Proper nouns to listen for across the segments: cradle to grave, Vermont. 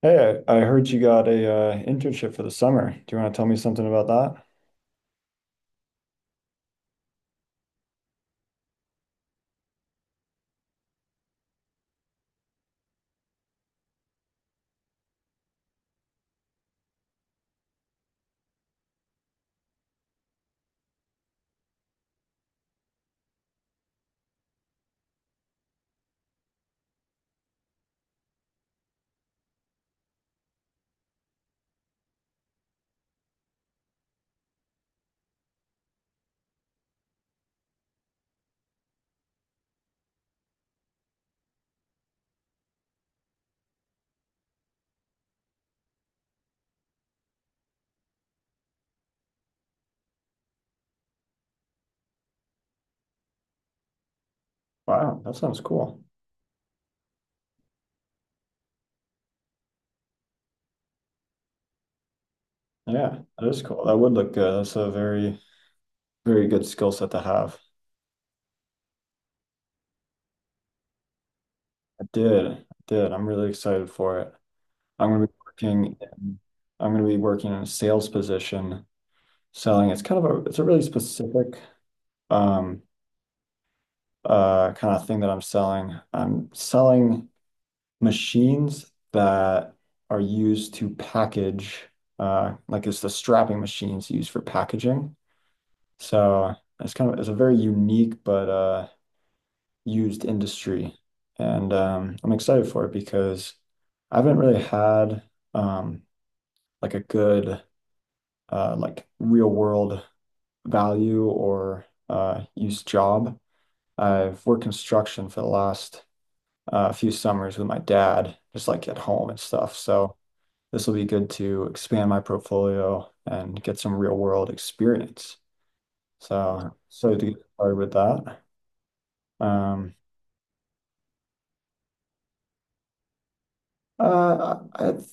Hey, I heard you got a internship for the summer. Do you want to tell me something about that? Wow, that sounds cool. Yeah, that is cool. That would look good. That's a very, very good skill set to have. I did. I did. I'm really excited for it. I'm going to be working in, I'm going to be working in a sales position selling. It's a really specific um kind of thing that I'm selling. I'm selling machines that are used to package, like it's the strapping machines used for packaging. So it's kind of it's a very unique but used industry, and I'm excited for it because I haven't really had um, like a good like real world value or use job. I've worked construction for the last few summers with my dad, just like at home and stuff. This will be good to expand my portfolio and get some real world experience. So, to get started with that, um, I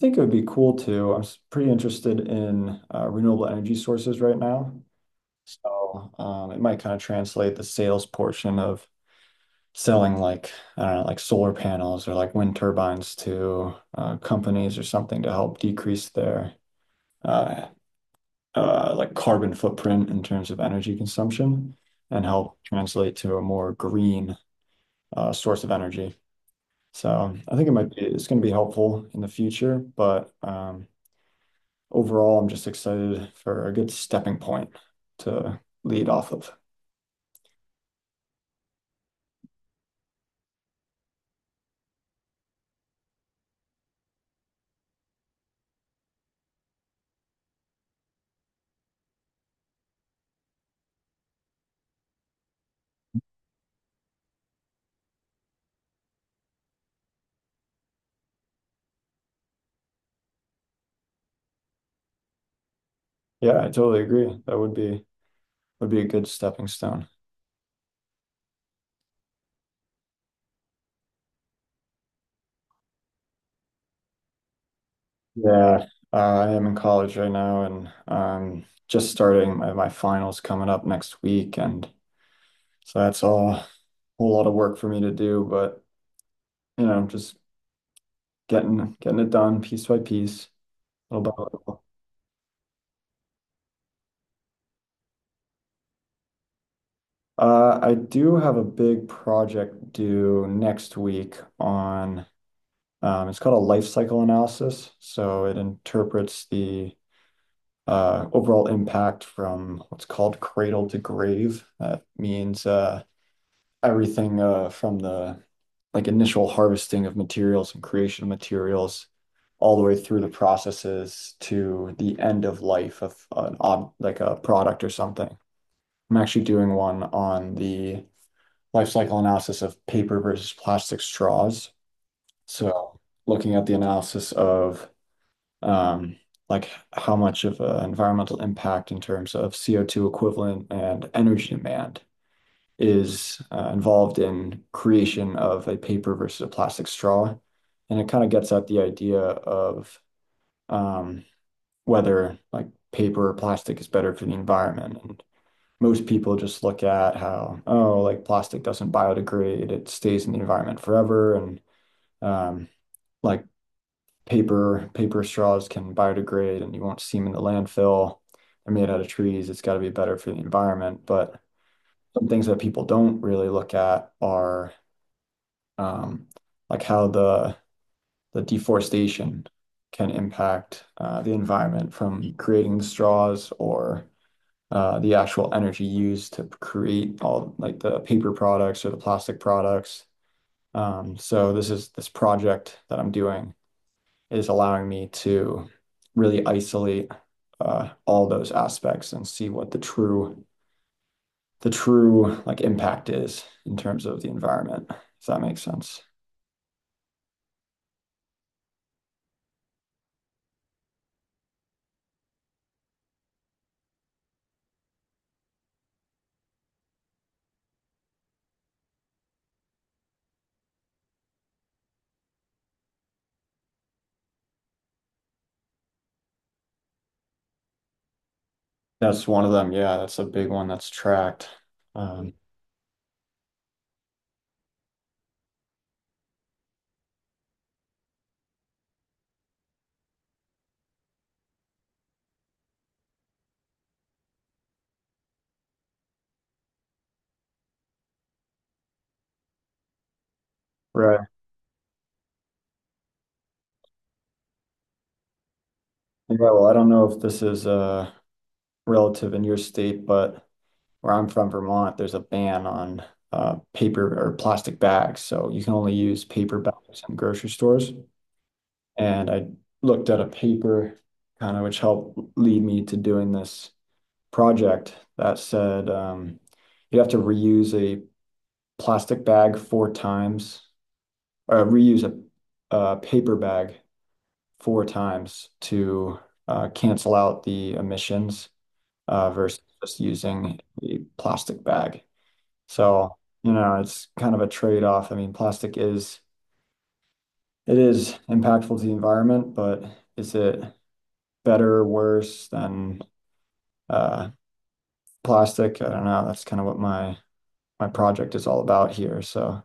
think it would be cool to. I'm pretty interested in renewable energy sources right now. So, it might kind of translate the sales portion of selling like, I don't know, like solar panels or like wind turbines to companies or something to help decrease their uh, like carbon footprint in terms of energy consumption and help translate to a more green source of energy. So I think it's going to be helpful in the future, but overall, I'm just excited for a good stepping point to lead off of. Yeah, I totally agree. That would be a good stepping stone. Yeah, I am in college right now and just starting my finals coming up next week, and so that's all a whole lot of work for me to do, but just getting it done piece by piece, little by little. I do have a big project due next week on, it's called a life cycle analysis. So it interprets the overall impact from what's called cradle to grave. That means everything from the like initial harvesting of materials and creation of materials all the way through the processes to the end of life of an ob like a product or something. I'm actually doing one on the life cycle analysis of paper versus plastic straws. So looking at the analysis of um, like how much of an environmental impact in terms of CO2 equivalent and energy demand is involved in creation of a paper versus a plastic straw. And it kind of gets at the idea of um whether like paper or plastic is better for the environment. And most people just look at how, oh, like plastic doesn't biodegrade, it stays in the environment forever. And um like paper straws can biodegrade and you won't see them in the landfill. They're made out of trees. It's got to be better for the environment. But some things that people don't really look at are um, like how the deforestation can impact the environment from creating the straws or the actual energy used to create all like the paper products or the plastic products. So this project that I'm doing is allowing me to really isolate all those aspects and see what the true like impact is in terms of the environment. Does that make sense? That's one of them. Yeah, that's a big one that's tracked. Um, Right. Yeah, well, I don't know if this is relative in your state, but where I'm from, Vermont, there's a ban on paper or plastic bags. So you can only use paper bags in grocery stores. And I looked at a paper kind of which helped lead me to doing this project that said, you have to reuse a plastic bag 4 times, or reuse a paper bag 4 times to cancel out the emissions versus just using a plastic bag. So, it's kind of a trade-off. I mean, plastic is, it is impactful to the environment, but is it better or worse than uh, plastic. I don't know. That's kind of what my project is all about here.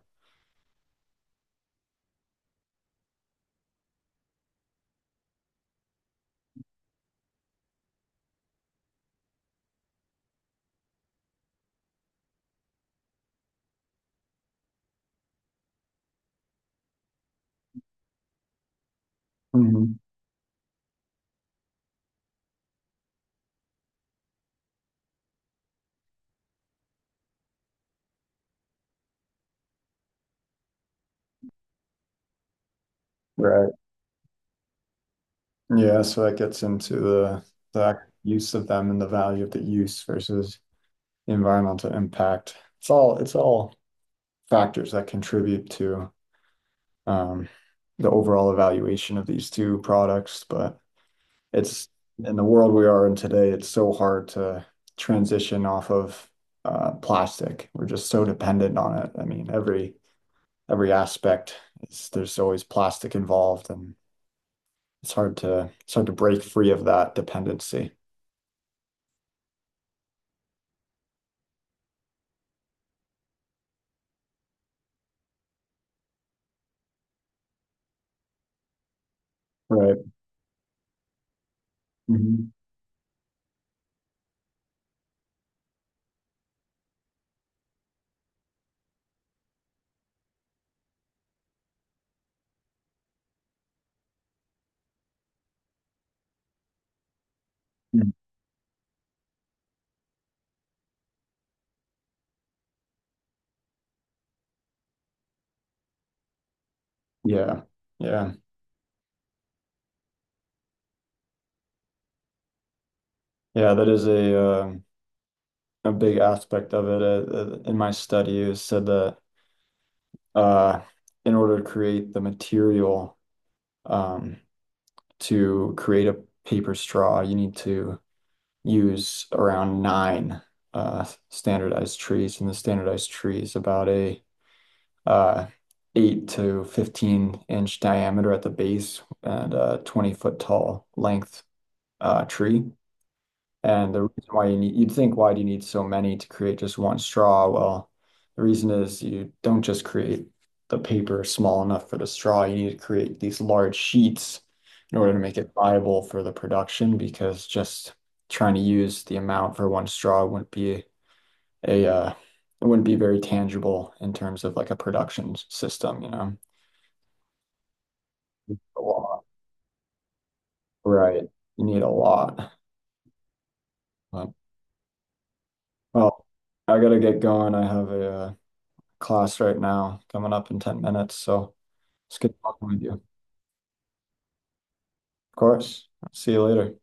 Mhm. Right, yeah. So that gets into the use of them and the value of the use versus environmental impact. It's all factors that contribute to um, the overall evaluation of these two products, but it's in the world we are in today, it's so hard to transition off of plastic. We're just so dependent on it. I mean, every aspect is there's always plastic involved, and it's hard to break free of that dependency. Right. Hmm. Yeah. Yeah. Yeah. That is a big aspect of it. In my study, it was said that uh, in order to create the material. Um, to create a paper straw, you need to use around nine standardized trees, and the standardized tree is about a uh, 8 to 15 inch diameter at the base and a 20-foot tall length tree. And the reason why you need, you'd think, why do you need so many to create just one straw? Well, the reason is you don't just create the paper small enough for the straw. You need to create these large sheets in order to make it viable for the production because just trying to use the amount for one straw wouldn't be a, uh, it wouldn't be very tangible in terms of like a production system, you know? A lot. Right. You need a lot. But, well, I gotta get going. I have a class right now coming up in 10 minutes. So it's good talking with you. Of course. See you later.